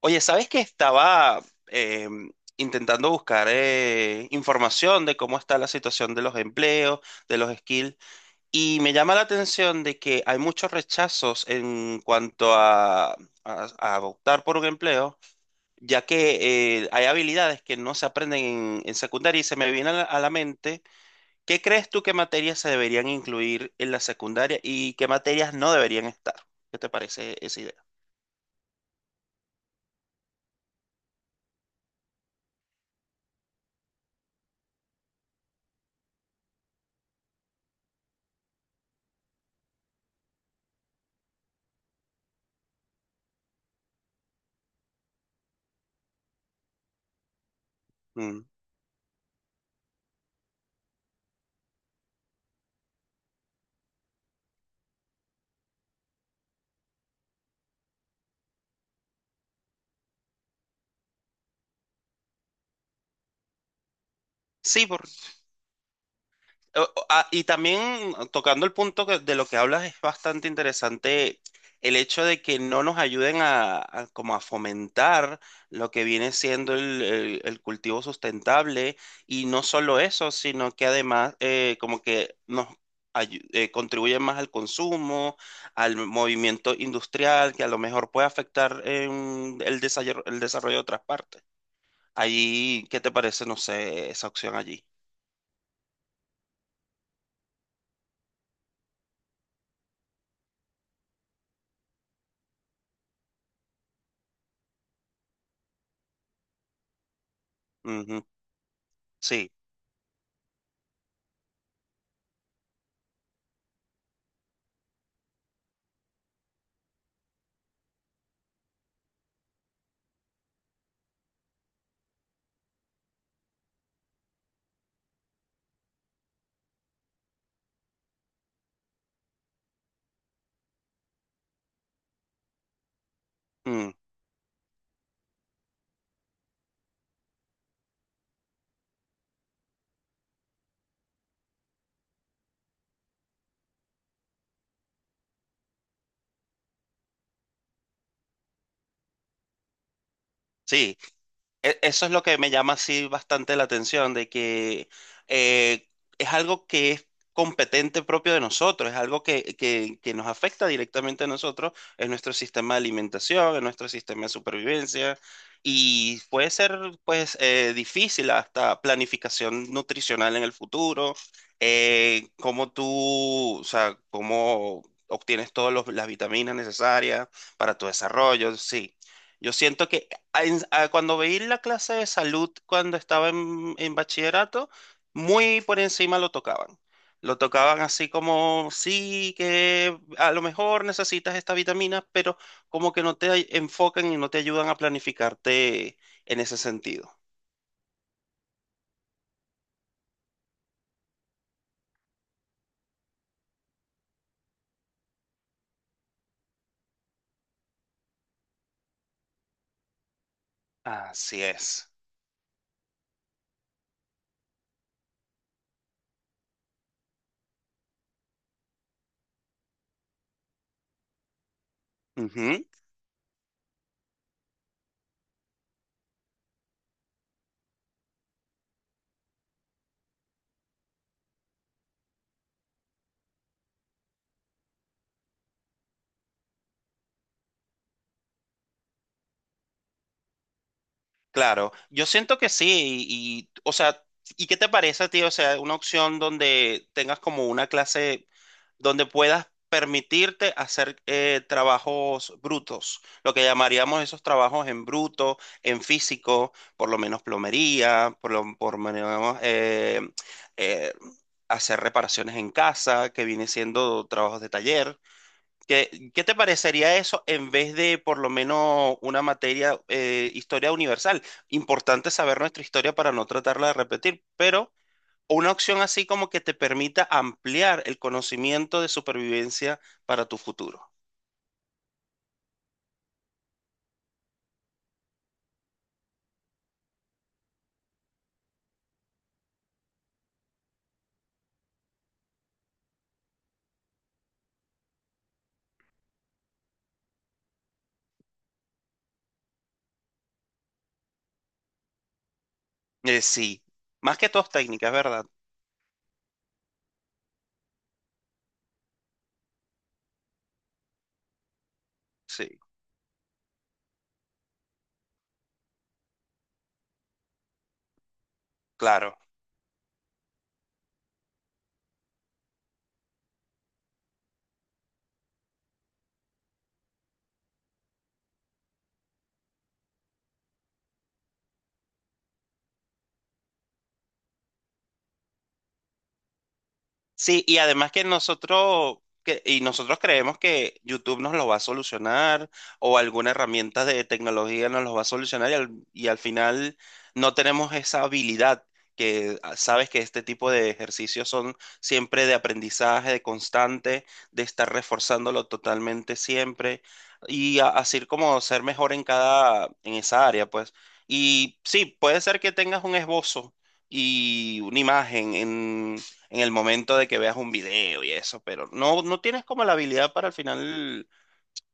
Oye, ¿sabes que estaba eh, intentando buscar información de cómo está la situación de los empleos, de los skills? Y me llama la atención de que hay muchos rechazos en cuanto a optar por un empleo, ya que hay habilidades que no se aprenden en secundaria y se me viene a a la mente, ¿qué crees tú que materias se deberían incluir en la secundaria y qué materias no deberían estar? ¿Qué te parece esa idea? Mm. Sí. Y también tocando el de lo que hablas es bastante interesante, el hecho de que no nos ayuden a como a fomentar lo que viene siendo el cultivo sustentable, y no solo eso, sino que además como que nos contribuyen más al consumo, al movimiento industrial que a lo mejor puede afectar en el desarrollo de otras partes. Ahí, ¿qué te parece, no sé, esa opción allí? Ujú. Sí. Mm, sí. E- eso es lo que me llama así bastante la atención, de que eh, es algo que es competente propio de nosotros, es algo que, que nos afecta directamente a nosotros, en nuestro sistema de alimentación, en nuestro sistema de supervivencia, y puede ser pues difícil hasta planificación nutricional en el futuro, cómo tú, o sea, cómo obtienes todas las vitaminas necesarias para tu desarrollo, sí. Yo siento que cuando veí la clase de salud cuando estaba en bachillerato, muy por encima lo tocaban. Lo tocaban así como, sí, que a lo mejor necesitas esta vitamina, pero como que no te enfocan y no te ayudan a planificarte en ese sentido. Así es. Claro, yo siento que sí, y, o sea, ¿y qué te parece tío? O sea, una opción donde tengas como una clase donde puedas permitirte hacer trabajos brutos, lo que llamaríamos esos trabajos en bruto, en físico, por lo menos plomería, por lo menos eh, hacer reparaciones en casa, que viene siendo trabajos de taller. ¿Qué, qué te parecería eso en vez de por lo menos una materia, historia universal? Importante saber nuestra historia para no tratarla de repetir, pero una opción así como que te permita ampliar el conocimiento de supervivencia para tu futuro. Sí, más que todas técnicas, ¿verdad? Sí, claro. Sí, y además que nosotros, que, y nosotros creemos que YouTube nos lo va a solucionar o alguna herramienta de tecnología nos lo va a solucionar y y al final no tenemos esa habilidad que sabes que este tipo de ejercicios son siempre de aprendizaje, de constante, de estar reforzándolo totalmente siempre y así como ser mejor en cada, en esa área, pues. Y sí, puede ser que tengas un esbozo y una imagen en el momento de que veas un video y eso, pero no, no tienes como la habilidad para al final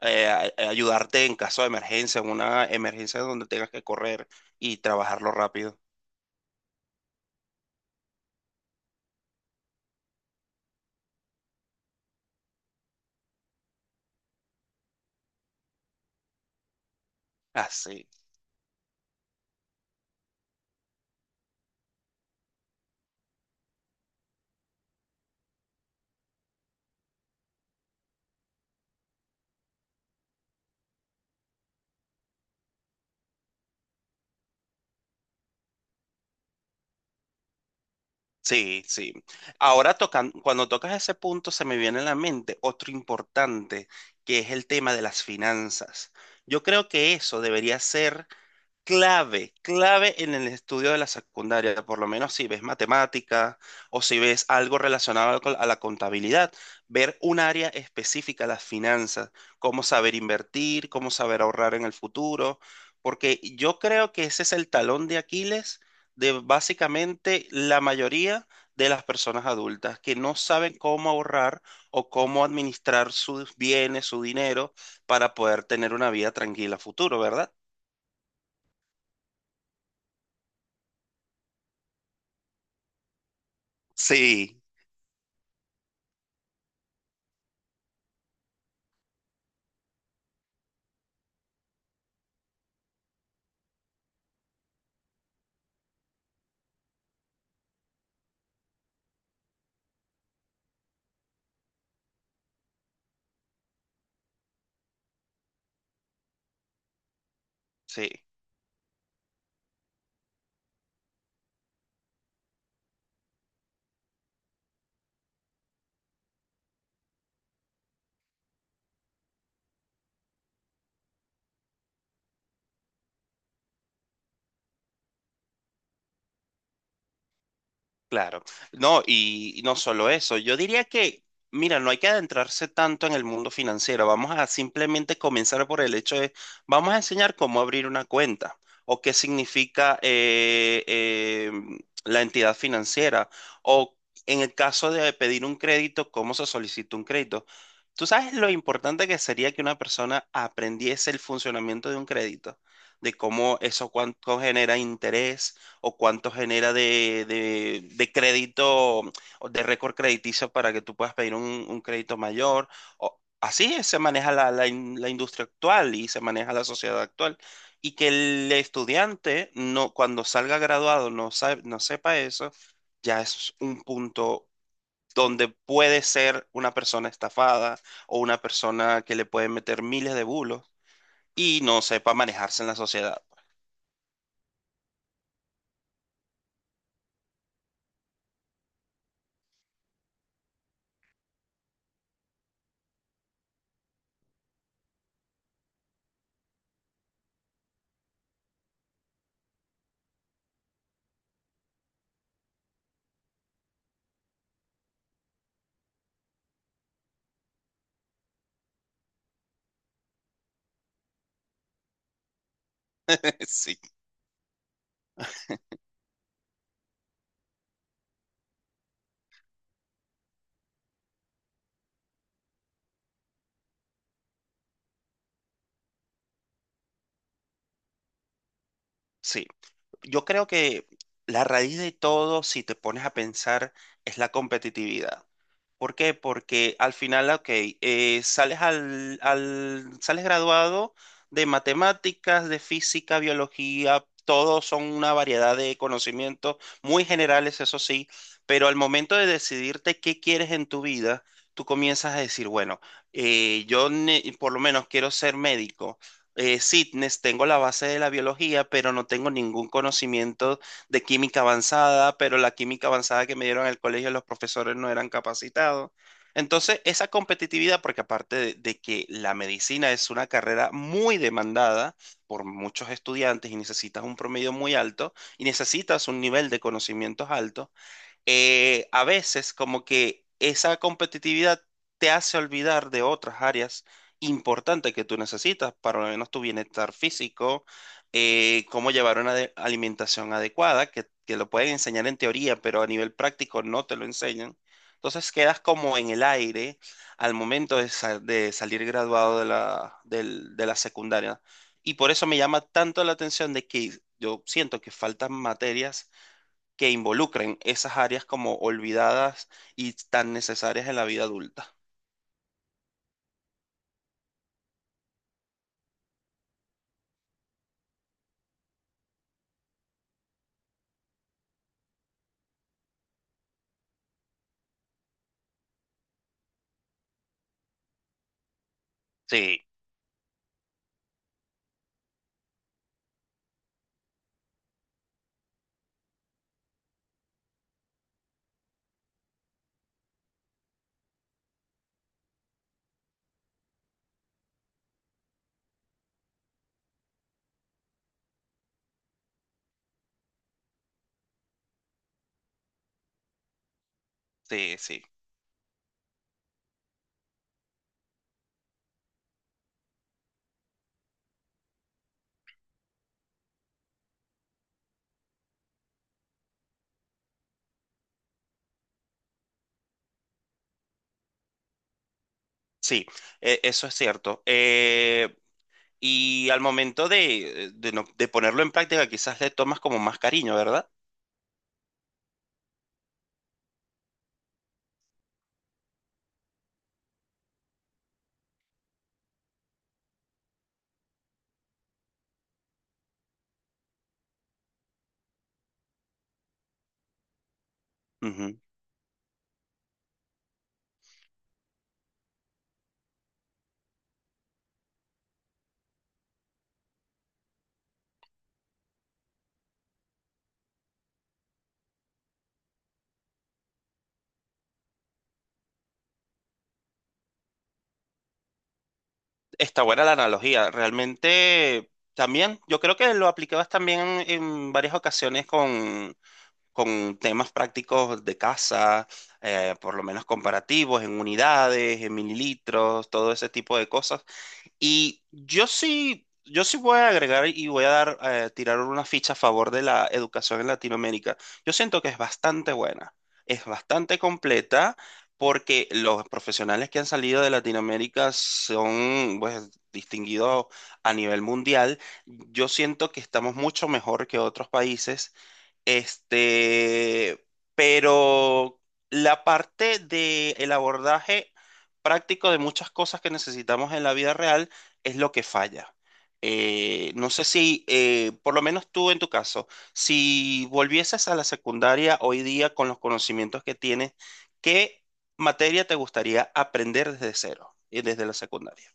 ayudarte en caso de emergencia, en una emergencia donde tengas que correr y trabajarlo rápido. Así. Sí, sí, sí. Ahora tocan, cuando tocas ese punto se me viene a la mente otro importante, que es el tema de las finanzas. Yo creo que eso debería ser clave, clave en el estudio de la secundaria, por lo menos si ves matemática o si ves algo relacionado a la contabilidad, ver un área específica, las finanzas, cómo saber invertir, cómo saber ahorrar en el futuro, porque yo creo que ese es el talón de Aquiles de básicamente la mayoría de las personas adultas que no saben cómo ahorrar o cómo administrar sus bienes, su dinero para poder tener una vida tranquila a futuro, ¿verdad? Sí. Sí, claro. No, y no solo eso, yo diría que, mira, no hay que adentrarse tanto en el mundo financiero, vamos a simplemente comenzar por el hecho de, vamos a enseñar cómo abrir una cuenta o qué significa la entidad financiera o en el caso de pedir un crédito, cómo se solicita un crédito. ¿Tú sabes lo importante que sería que una persona aprendiese el funcionamiento de un crédito? De cómo eso cuánto genera interés o cuánto genera de crédito, o de récord crediticio para que tú puedas pedir un crédito mayor. Así es, se maneja la industria actual y se maneja la sociedad actual. Y que el estudiante, no, cuando salga graduado, no, no sepa eso, ya es un punto donde puede ser una persona estafada o una persona que le puede meter miles de bulos y no sepa manejarse en la sociedad. Sí, sí. Yo creo que la raíz de todo, si te pones a pensar, es la competitividad. ¿Por qué? Porque al final, ok, sales sales graduado de matemáticas, de física, biología, todos son una variedad de conocimientos muy generales, eso sí, pero al momento de decidirte qué quieres en tu vida, tú comienzas a decir, bueno, yo por lo menos quiero ser médico. Sí, tengo la base de la biología, pero no tengo ningún conocimiento de química avanzada, pero la química avanzada que me dieron en el colegio los profesores no eran capacitados. Entonces, esa competitividad, porque aparte de que la medicina es una carrera muy demandada por muchos estudiantes y necesitas un promedio muy alto y necesitas un nivel de conocimientos alto, a veces como que esa competitividad te hace olvidar de otras áreas importantes que tú necesitas, para lo menos tu bienestar físico, cómo llevar una alimentación adecuada, que lo pueden enseñar en teoría, pero a nivel práctico no te lo enseñan. Entonces quedas como en el aire al momento de, de salir graduado de de la secundaria. Y por eso me llama tanto la atención de que yo siento que faltan materias que involucren esas áreas como olvidadas y tan necesarias en la vida adulta. Sí, sí, sí, sí, e- eso es cierto. Y al momento de, de ponerlo en práctica, quizás le tomas como más cariño, ¿verdad? Ujú. Está buena la analogía. Realmente también, yo creo que lo aplicabas también en varias ocasiones con temas prácticos de casa, por lo menos comparativos, en unidades, en mililitros, todo ese tipo de cosas. Y yo sí, yo sí voy a agregar y voy a dar, tirar una ficha a favor de la educación en Latinoamérica. Yo siento que es bastante buena, es bastante completa, porque los profesionales que han salido de Latinoamérica son, pues, distinguidos a nivel mundial. Yo siento que estamos mucho mejor que otros países este, pero la parte de el abordaje práctico de muchas cosas que necesitamos en la vida real es lo que falla. No sé si, por lo menos tú en tu caso, si volvieses a la secundaria hoy día con los conocimientos que tienes, ¿qué materia te gustaría aprender desde cero y desde la secundaria?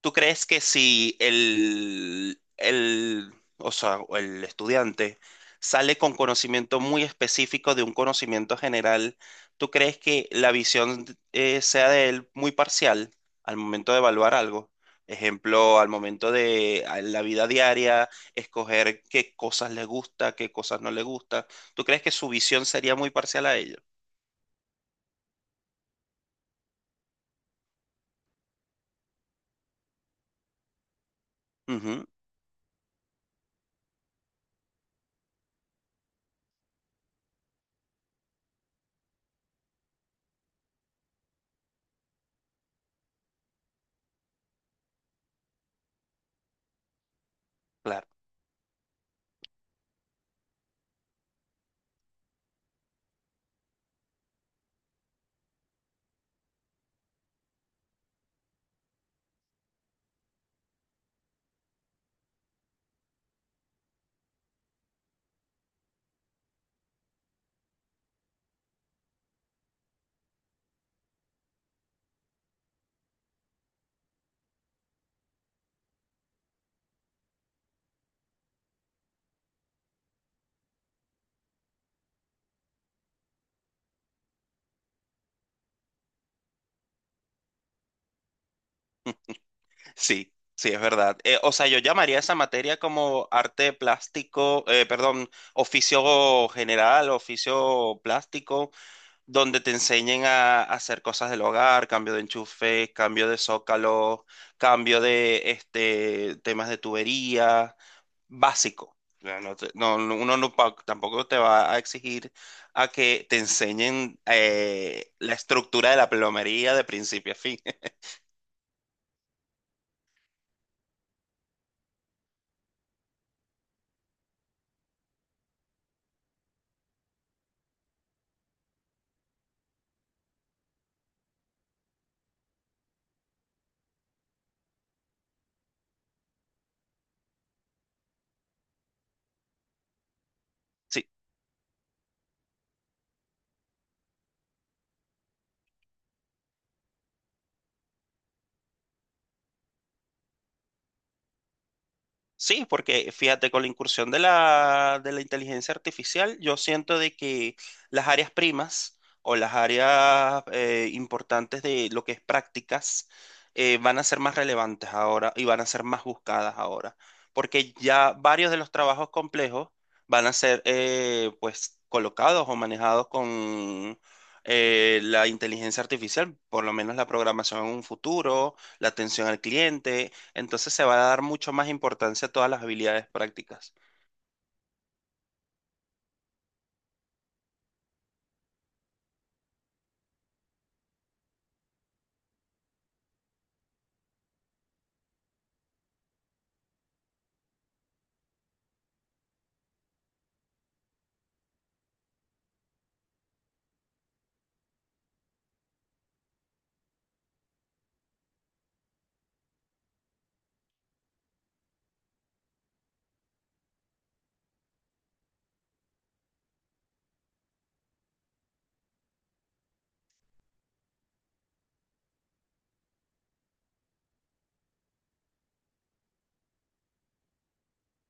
¿Tú crees que si o sea, o el estudiante sale con conocimiento muy específico de un conocimiento general, ¿tú crees que la visión sea de él muy parcial al momento de evaluar algo? Ejemplo, al momento de a la vida diaria, escoger qué cosas le gusta, qué cosas no le gusta. ¿Tú crees que su visión sería muy parcial a ello? Ujú, claro. Sí, sí, es verdad. O sea, yo llamaría esa materia como arte plástico, perdón, oficio general, oficio plástico, donde te enseñen a hacer cosas del hogar, cambio de enchufe, cambio de zócalo, cambio de este, temas de tubería, básico. Ya no, no, uno no tampoco te va a exigir a que te enseñen la estructura de la plomería de principio a fin. Sí. Sí, porque fíjate, con la incursión de de la inteligencia artificial, yo siento de que las áreas primas o las áreas importantes de lo que es prácticas van a ser más relevantes ahora y van a ser más buscadas ahora, porque ya varios de los trabajos complejos van a ser pues colocados o manejados con la inteligencia artificial, por lo menos la programación en un futuro, la atención al cliente, entonces se va a dar mucho más importancia a todas las habilidades prácticas.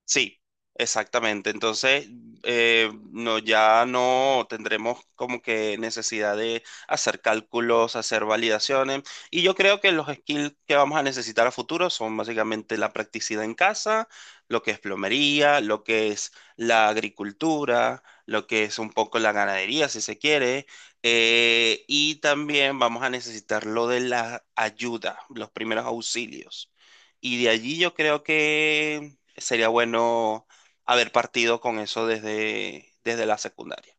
Sí, exactamente. Entonces, no, ya no tendremos como que necesidad de hacer cálculos, hacer validaciones. Y yo creo que los skills que vamos a necesitar a futuro son básicamente la practicidad en casa, lo que es plomería, lo que es la agricultura, lo que es un poco la ganadería, si se quiere. Y también vamos a necesitar lo de la ayuda, los primeros auxilios. Y de allí yo creo que sería bueno haber partido con eso desde, desde la secundaria.